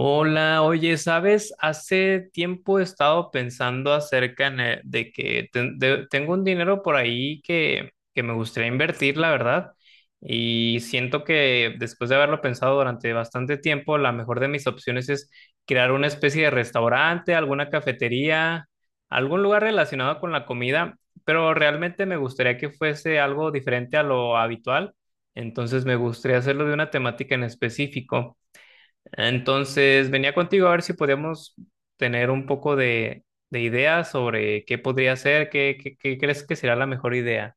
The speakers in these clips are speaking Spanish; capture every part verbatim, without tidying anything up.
Hola, oye, ¿sabes? Hace tiempo he estado pensando acerca en el- de que ten- de- tengo un dinero por ahí que, que me gustaría invertir, la verdad, y siento que después de haberlo pensado durante bastante tiempo, la mejor de mis opciones es crear una especie de restaurante, alguna cafetería, algún lugar relacionado con la comida, pero realmente me gustaría que fuese algo diferente a lo habitual, entonces me gustaría hacerlo de una temática en específico. Entonces, venía contigo a ver si podíamos tener un poco de, de ideas sobre qué podría ser, qué, qué, qué crees que será la mejor idea.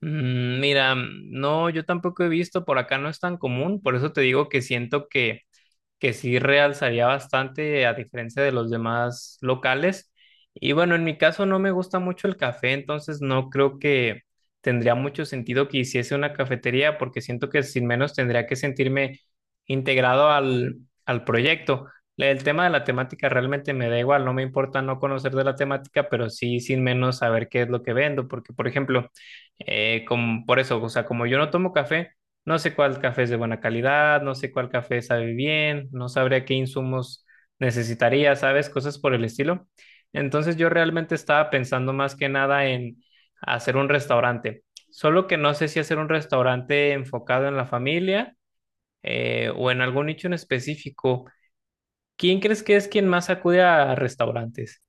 Mm, mira, no, yo tampoco he visto, por acá no es tan común, por eso te digo que siento que que sí realzaría bastante a diferencia de los demás locales. Y bueno, en mi caso no me gusta mucho el café, entonces no creo que tendría mucho sentido que hiciese una cafetería porque siento que sin menos tendría que sentirme integrado al, al proyecto. El tema de la temática realmente me da igual, no me importa no conocer de la temática, pero sí sin menos saber qué es lo que vendo, porque por ejemplo, eh, como, por eso, o sea, como yo no tomo café, no sé cuál café es de buena calidad, no sé cuál café sabe bien, no sabría qué insumos necesitaría, ¿sabes? Cosas por el estilo. Entonces yo realmente estaba pensando más que nada en hacer un restaurante, solo que no sé si hacer un restaurante enfocado en la familia, eh, o en algún nicho en específico. ¿Quién crees que es quien más acude a restaurantes?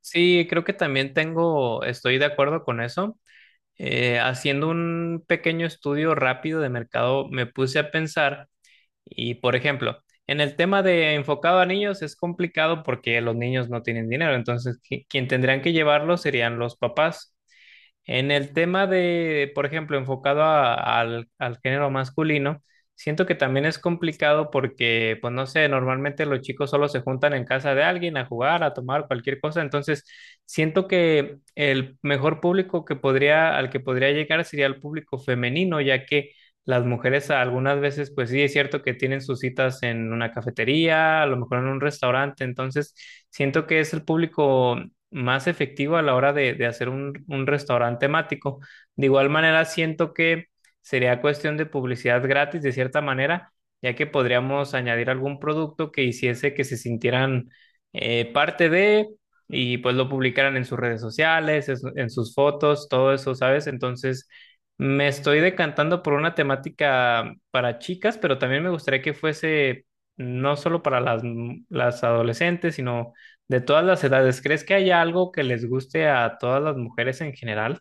Sí, creo que también tengo, estoy de acuerdo con eso. Eh, haciendo un pequeño estudio rápido de mercado, me puse a pensar. Y por ejemplo, en el tema de enfocado a niños es complicado porque los niños no tienen dinero, entonces qui- quien tendrían que llevarlo serían los papás. En el tema de, por ejemplo, enfocado a- al, al género masculino, siento que también es complicado porque, pues no sé, normalmente los chicos solo se juntan en casa de alguien a jugar, a tomar cualquier cosa, entonces siento que el mejor público que podría, al que podría llegar sería el público femenino, ya que las mujeres algunas veces, pues sí, es cierto que tienen sus citas en una cafetería, a lo mejor en un restaurante, entonces siento que es el público más efectivo a la hora de, de hacer un, un restaurante temático. De igual manera, siento que sería cuestión de publicidad gratis, de cierta manera, ya que podríamos añadir algún producto que hiciese que se sintieran eh, parte de, y pues lo publicaran en sus redes sociales, es- en sus fotos, todo eso, ¿sabes? Entonces, me estoy decantando por una temática para chicas, pero también me gustaría que fuese no solo para las, las adolescentes, sino de todas las edades. ¿Crees que haya algo que les guste a todas las mujeres en general?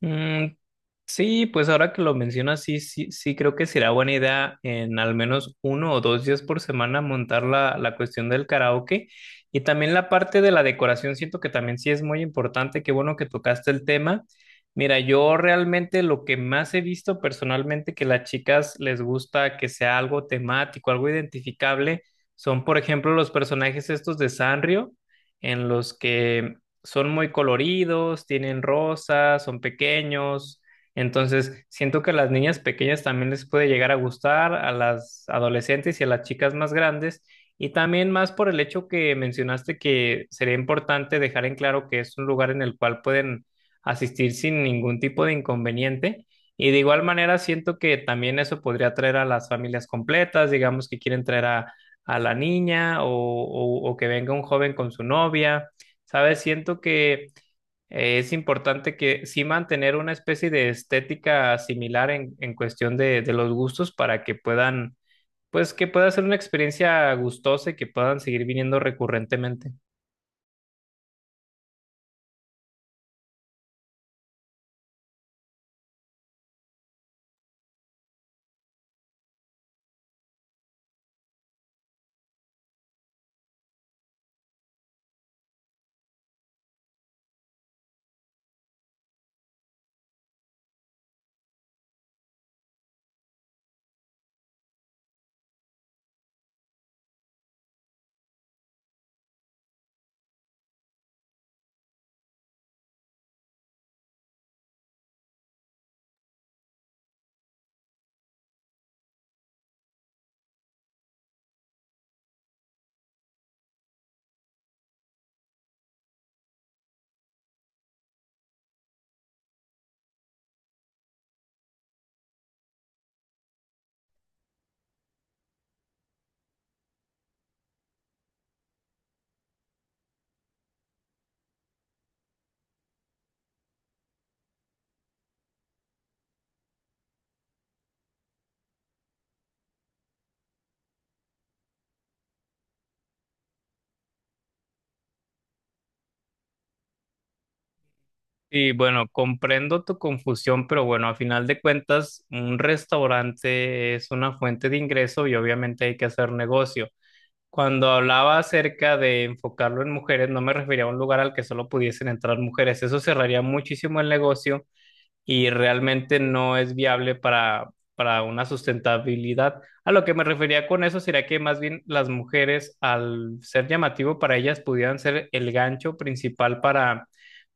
Mm, sí, pues ahora que lo mencionas, sí, sí, sí creo que será buena idea en al menos uno o dos días por semana montar la, la cuestión del karaoke, y también la parte de la decoración, siento que también sí es muy importante, qué bueno que tocaste el tema. Mira, yo realmente lo que más he visto personalmente que las chicas les gusta que sea algo temático, algo identificable, son por ejemplo los personajes estos de Sanrio, en los que son muy coloridos, tienen rosas, son pequeños, entonces, siento que a las niñas pequeñas también les puede llegar a gustar, a las adolescentes y a las chicas más grandes, y también más por el hecho que mencionaste que sería importante dejar en claro que es un lugar en el cual pueden asistir sin ningún tipo de inconveniente. Y de igual manera, siento que también eso podría traer a las familias completas, digamos que quieren traer a, a la niña, o, o o que venga un joven con su novia, ¿sabes? Siento que... Eh, Es importante que sí mantener una especie de estética similar en, en cuestión de, de los gustos para que puedan, pues que pueda ser una experiencia gustosa y que puedan seguir viniendo recurrentemente. Y bueno, comprendo tu confusión, pero bueno, a final de cuentas, un restaurante es una fuente de ingreso y obviamente hay que hacer negocio. Cuando hablaba acerca de enfocarlo en mujeres, no me refería a un lugar al que solo pudiesen entrar mujeres. Eso cerraría muchísimo el negocio y realmente no es viable para, para una sustentabilidad. A lo que me refería con eso sería que más bien las mujeres, al ser llamativo para ellas, pudieran ser el gancho principal para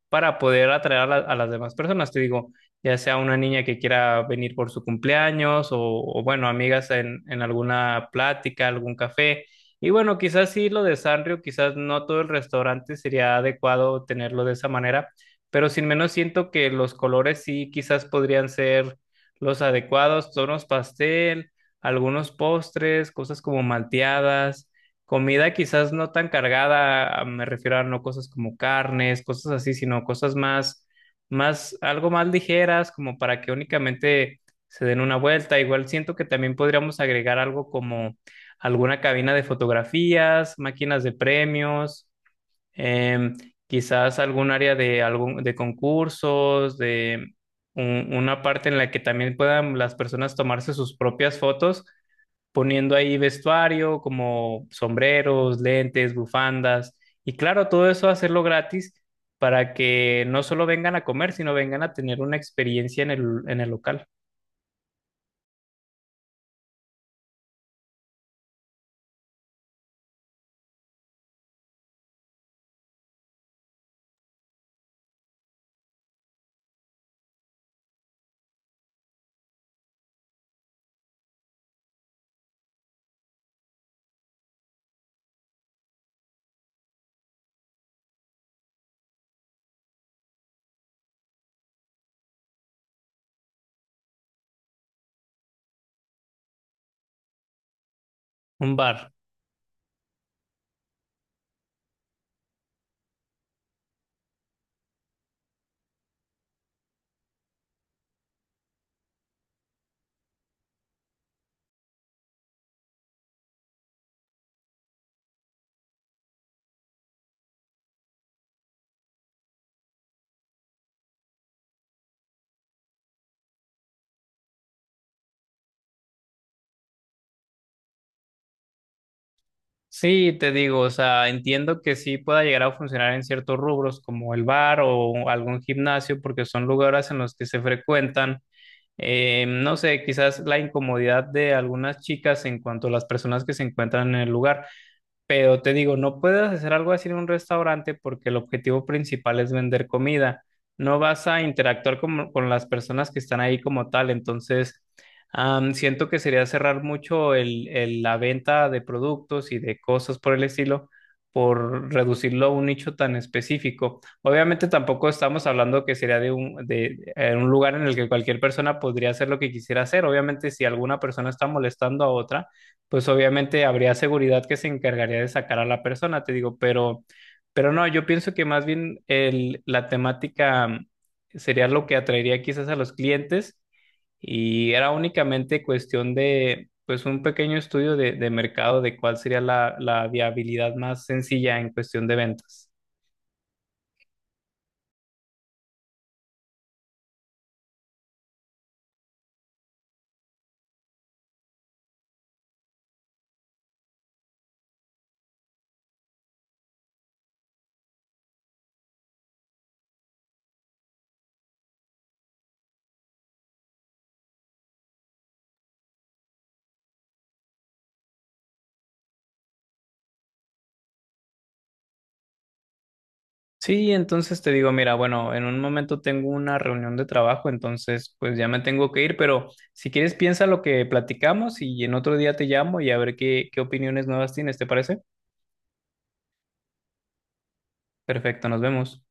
para poder atraer a, la- a las demás personas. Te digo, ya sea una niña que quiera venir por su cumpleaños o, o, bueno, amigas en, en alguna plática, algún café. Y bueno, quizás sí lo de Sanrio, quizás no todo el restaurante sería adecuado tenerlo de esa manera, pero sin menos siento que los colores sí quizás podrían ser los adecuados, tonos pastel, algunos postres, cosas como malteadas. Comida quizás no tan cargada, a- me refiero a no cosas como carnes, cosas así, sino cosas más, más, algo más ligeras, como para que únicamente se den una vuelta. Igual siento que también podríamos agregar algo como alguna cabina de fotografías, máquinas de premios, em, quizás algún área de algún, de concursos, de un- una parte en la que también puedan las personas tomarse sus propias fotos poniendo ahí vestuario como sombreros, lentes, bufandas, y claro, todo eso hacerlo gratis para que no solo vengan a comer, sino vengan a tener una experiencia en el, en el local. Un bar. Sí, te digo, o sea, entiendo que sí pueda llegar a funcionar en ciertos rubros como el bar o algún gimnasio, porque son lugares en los que se frecuentan. Eh, no sé, quizás la incomodidad de algunas chicas en cuanto a las personas que se encuentran en el lugar. Pero te digo, no puedes hacer algo así en un restaurante porque el objetivo principal es vender comida. No vas a interactuar como- con, las personas que están ahí como tal. Entonces, am, siento que sería cerrar mucho el, el- la venta de productos y de cosas por el estilo por reducirlo a un nicho tan específico. Obviamente tampoco estamos hablando que sería de un, de, eh, un lugar en el que cualquier persona podría hacer lo que quisiera hacer. Obviamente, si alguna persona está molestando a otra, pues obviamente habría seguridad que se encargaría de sacar a la persona, te digo, pero, pero no, yo pienso que más bien el, la temática mm, sería lo que atraería quizás a los clientes, y era únicamente cuestión de, pues, un pequeño estudio de, de mercado de cuál sería la, la viabilidad más sencilla en cuestión de ventas. Sí, entonces te digo, mira, bueno, en un momento tengo una reunión de trabajo, entonces pues ya me tengo que ir, pero si quieres piensa lo que platicamos y en otro día te llamo y a ver qué, qué opiniones nuevas tienes, ¿te parece? Perfecto, nos vemos.